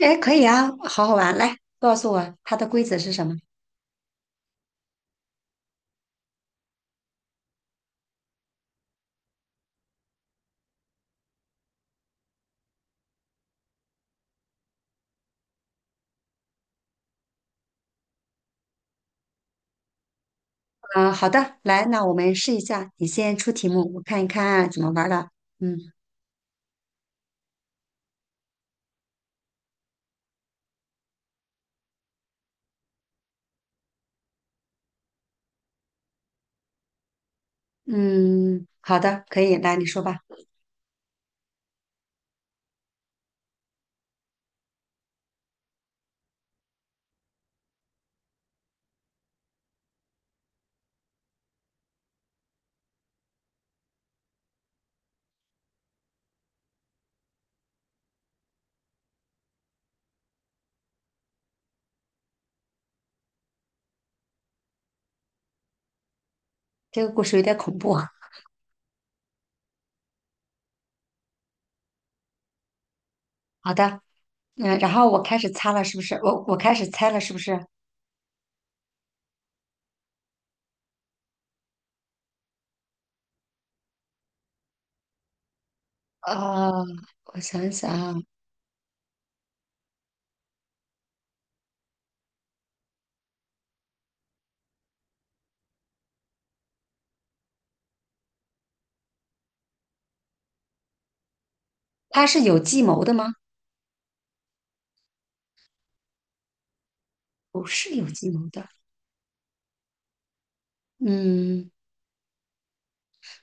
哎，可以啊，好好玩，来告诉我它的规则是什么？嗯、好的，来，那我们试一下，你先出题目，我看一看怎么玩儿的。嗯嗯，好的，可以，来你说吧。这个故事有点恐怖啊。好的，嗯，然后我开始擦了，是不是？我开始猜了，是不是？呃，我想想啊，他是有计谋的吗？不是有计谋的。嗯，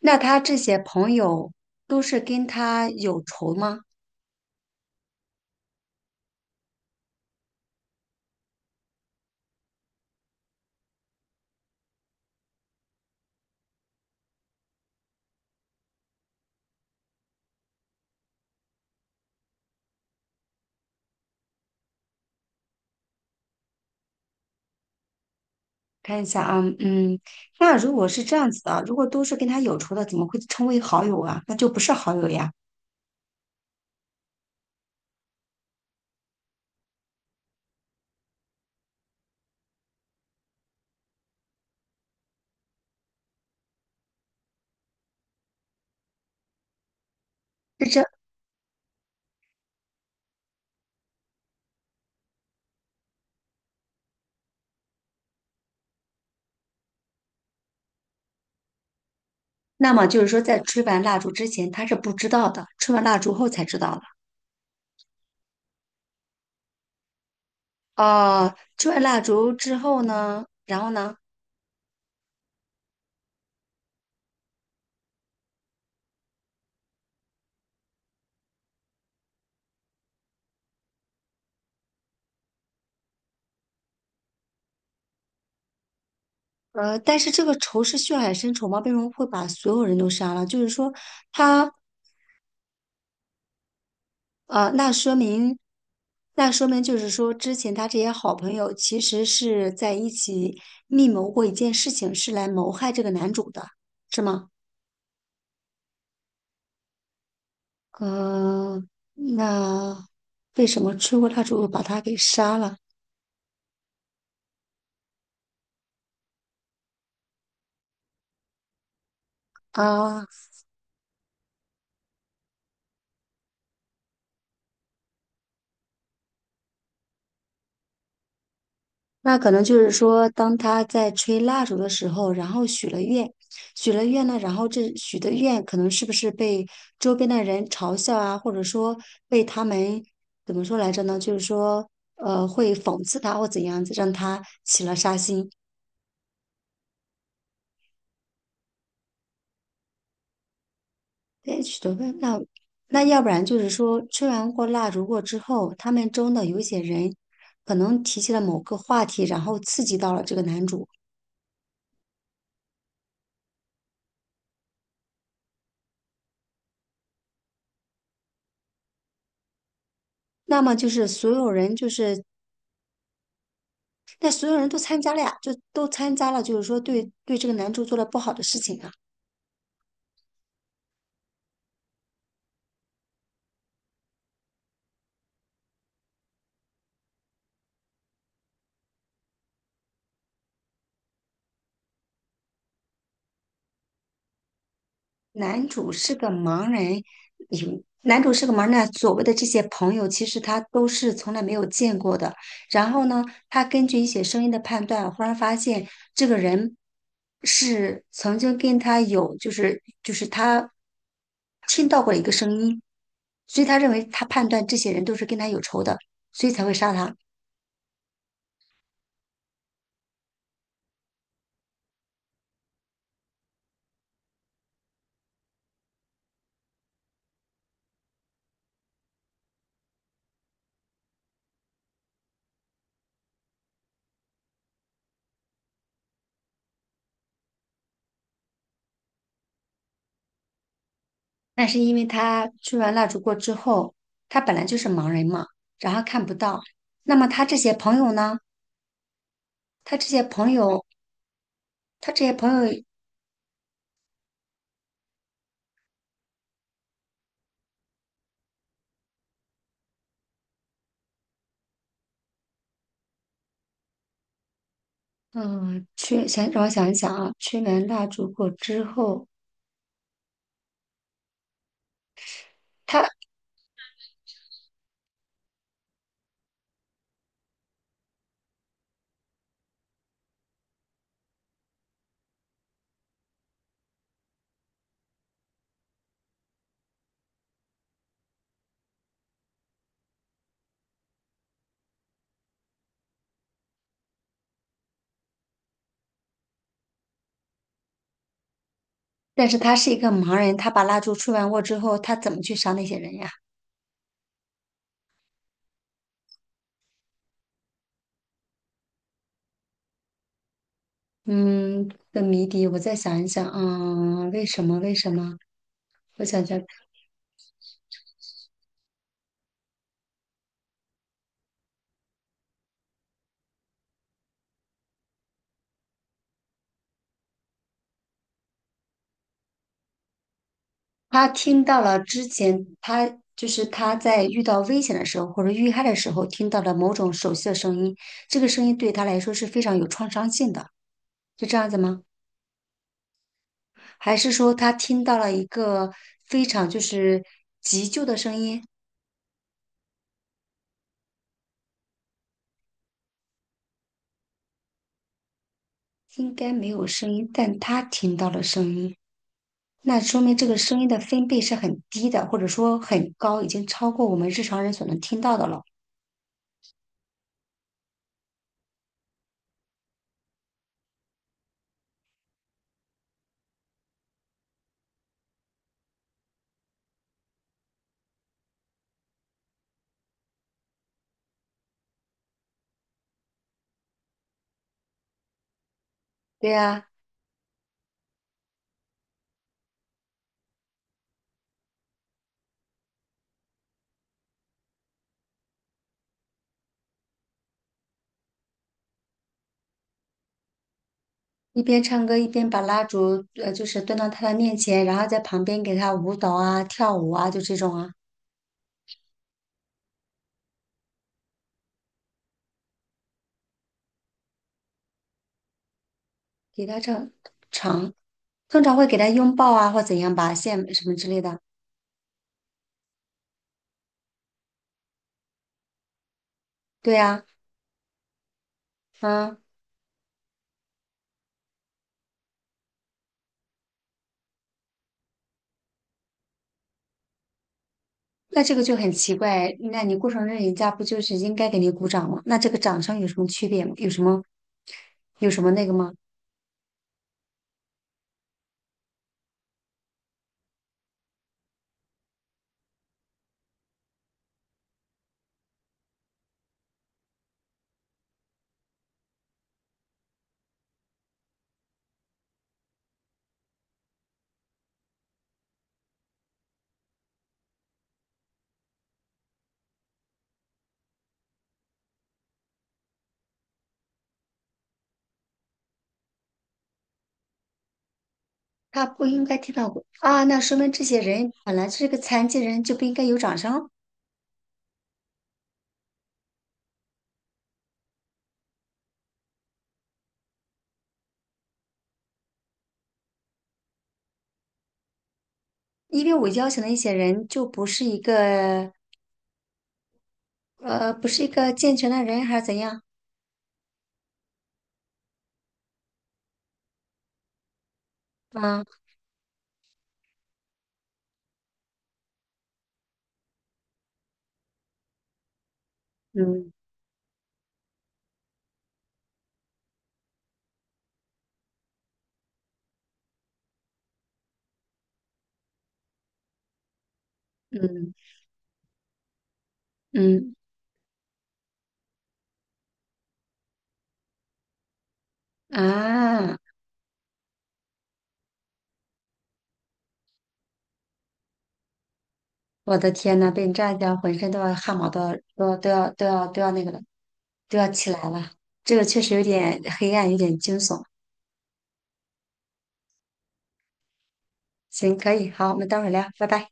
那他这些朋友都是跟他有仇吗？看一下啊，嗯，那如果是这样子的，如果都是跟他有仇的，怎么会称为好友啊？那就不是好友呀。是这，那么就是说，在吹完蜡烛之前，他是不知道的，吹完蜡烛后才知道的。哦、吹完蜡烛之后呢，然后呢，呃，但是这个仇是血海深仇吗？为什么会把所有人都杀了？就是说，他那说明，那说明就是说，之前他这些好朋友其实是在一起密谋过一件事情，是来谋害这个男主的，是吗？嗯，那为什么吹过蜡烛又把他给杀了啊？那可能就是说，当他在吹蜡烛的时候，然后许了愿，许了愿呢，然后这许的愿可能是不是被周边的人嘲笑啊，或者说被他们怎么说来着呢？就是说，会讽刺他或怎样子，让他起了杀心。对，许的愿，那那要不然就是说，吹完过蜡烛过之后，他们中的有一些人可能提起了某个话题，然后刺激到了这个男主。那么就是所有人就是那所有人都参加了呀，就都参加了，就是说对对这个男主做了不好的事情啊。男主是个盲人，有男主是个盲人，啊，所谓的这些朋友，其实他都是从来没有见过的。然后呢，他根据一些声音的判断，忽然发现这个人是曾经跟他有，就是他听到过一个声音，所以他认为他判断这些人都是跟他有仇的，所以才会杀他。那是因为他吹完蜡烛过之后，他本来就是盲人嘛，然后看不到。那么他这些朋友呢？他这些朋友，他这些朋友，嗯，去先让我想一想啊，吹完蜡烛过之后，他，但是他是一个盲人，他把蜡烛吹完过之后，他怎么去杀那些人呀？嗯，的谜底我再想一想，嗯，为什么？为什么？我想想，他听到了之前他就是他在遇到危险的时候或者遇害的时候听到了某种熟悉的声音，这个声音对他来说是非常有创伤性的，是这样子吗？还是说他听到了一个非常就是急救的声音？应该没有声音，但他听到了声音，那说明这个声音的分贝是很低的，或者说很高，已经超过我们日常人所能听到的了。对呀、一边唱歌一边把蜡烛呃就是端到他的面前，然后在旁边给他舞蹈啊、跳舞啊，就这种啊，给他唱唱，通常会给他拥抱啊或怎样吧，献什么之类的。对啊，嗯，那这个就很奇怪，那你过生日人家不就是应该给你鼓掌吗？那这个掌声有什么区别吗？有什么那个吗？他不应该听到过啊，那说明这些人本来是个残疾人就不应该有掌声。因为我邀请的一些人就不是一个不是一个健全的人还是怎样？啊，嗯嗯嗯啊！我的天呐，被你这样一讲，浑身都要汗毛都要都要那个了，都要起来了。这个确实有点黑暗，有点惊悚。行，可以，好，我们待会儿聊，拜拜。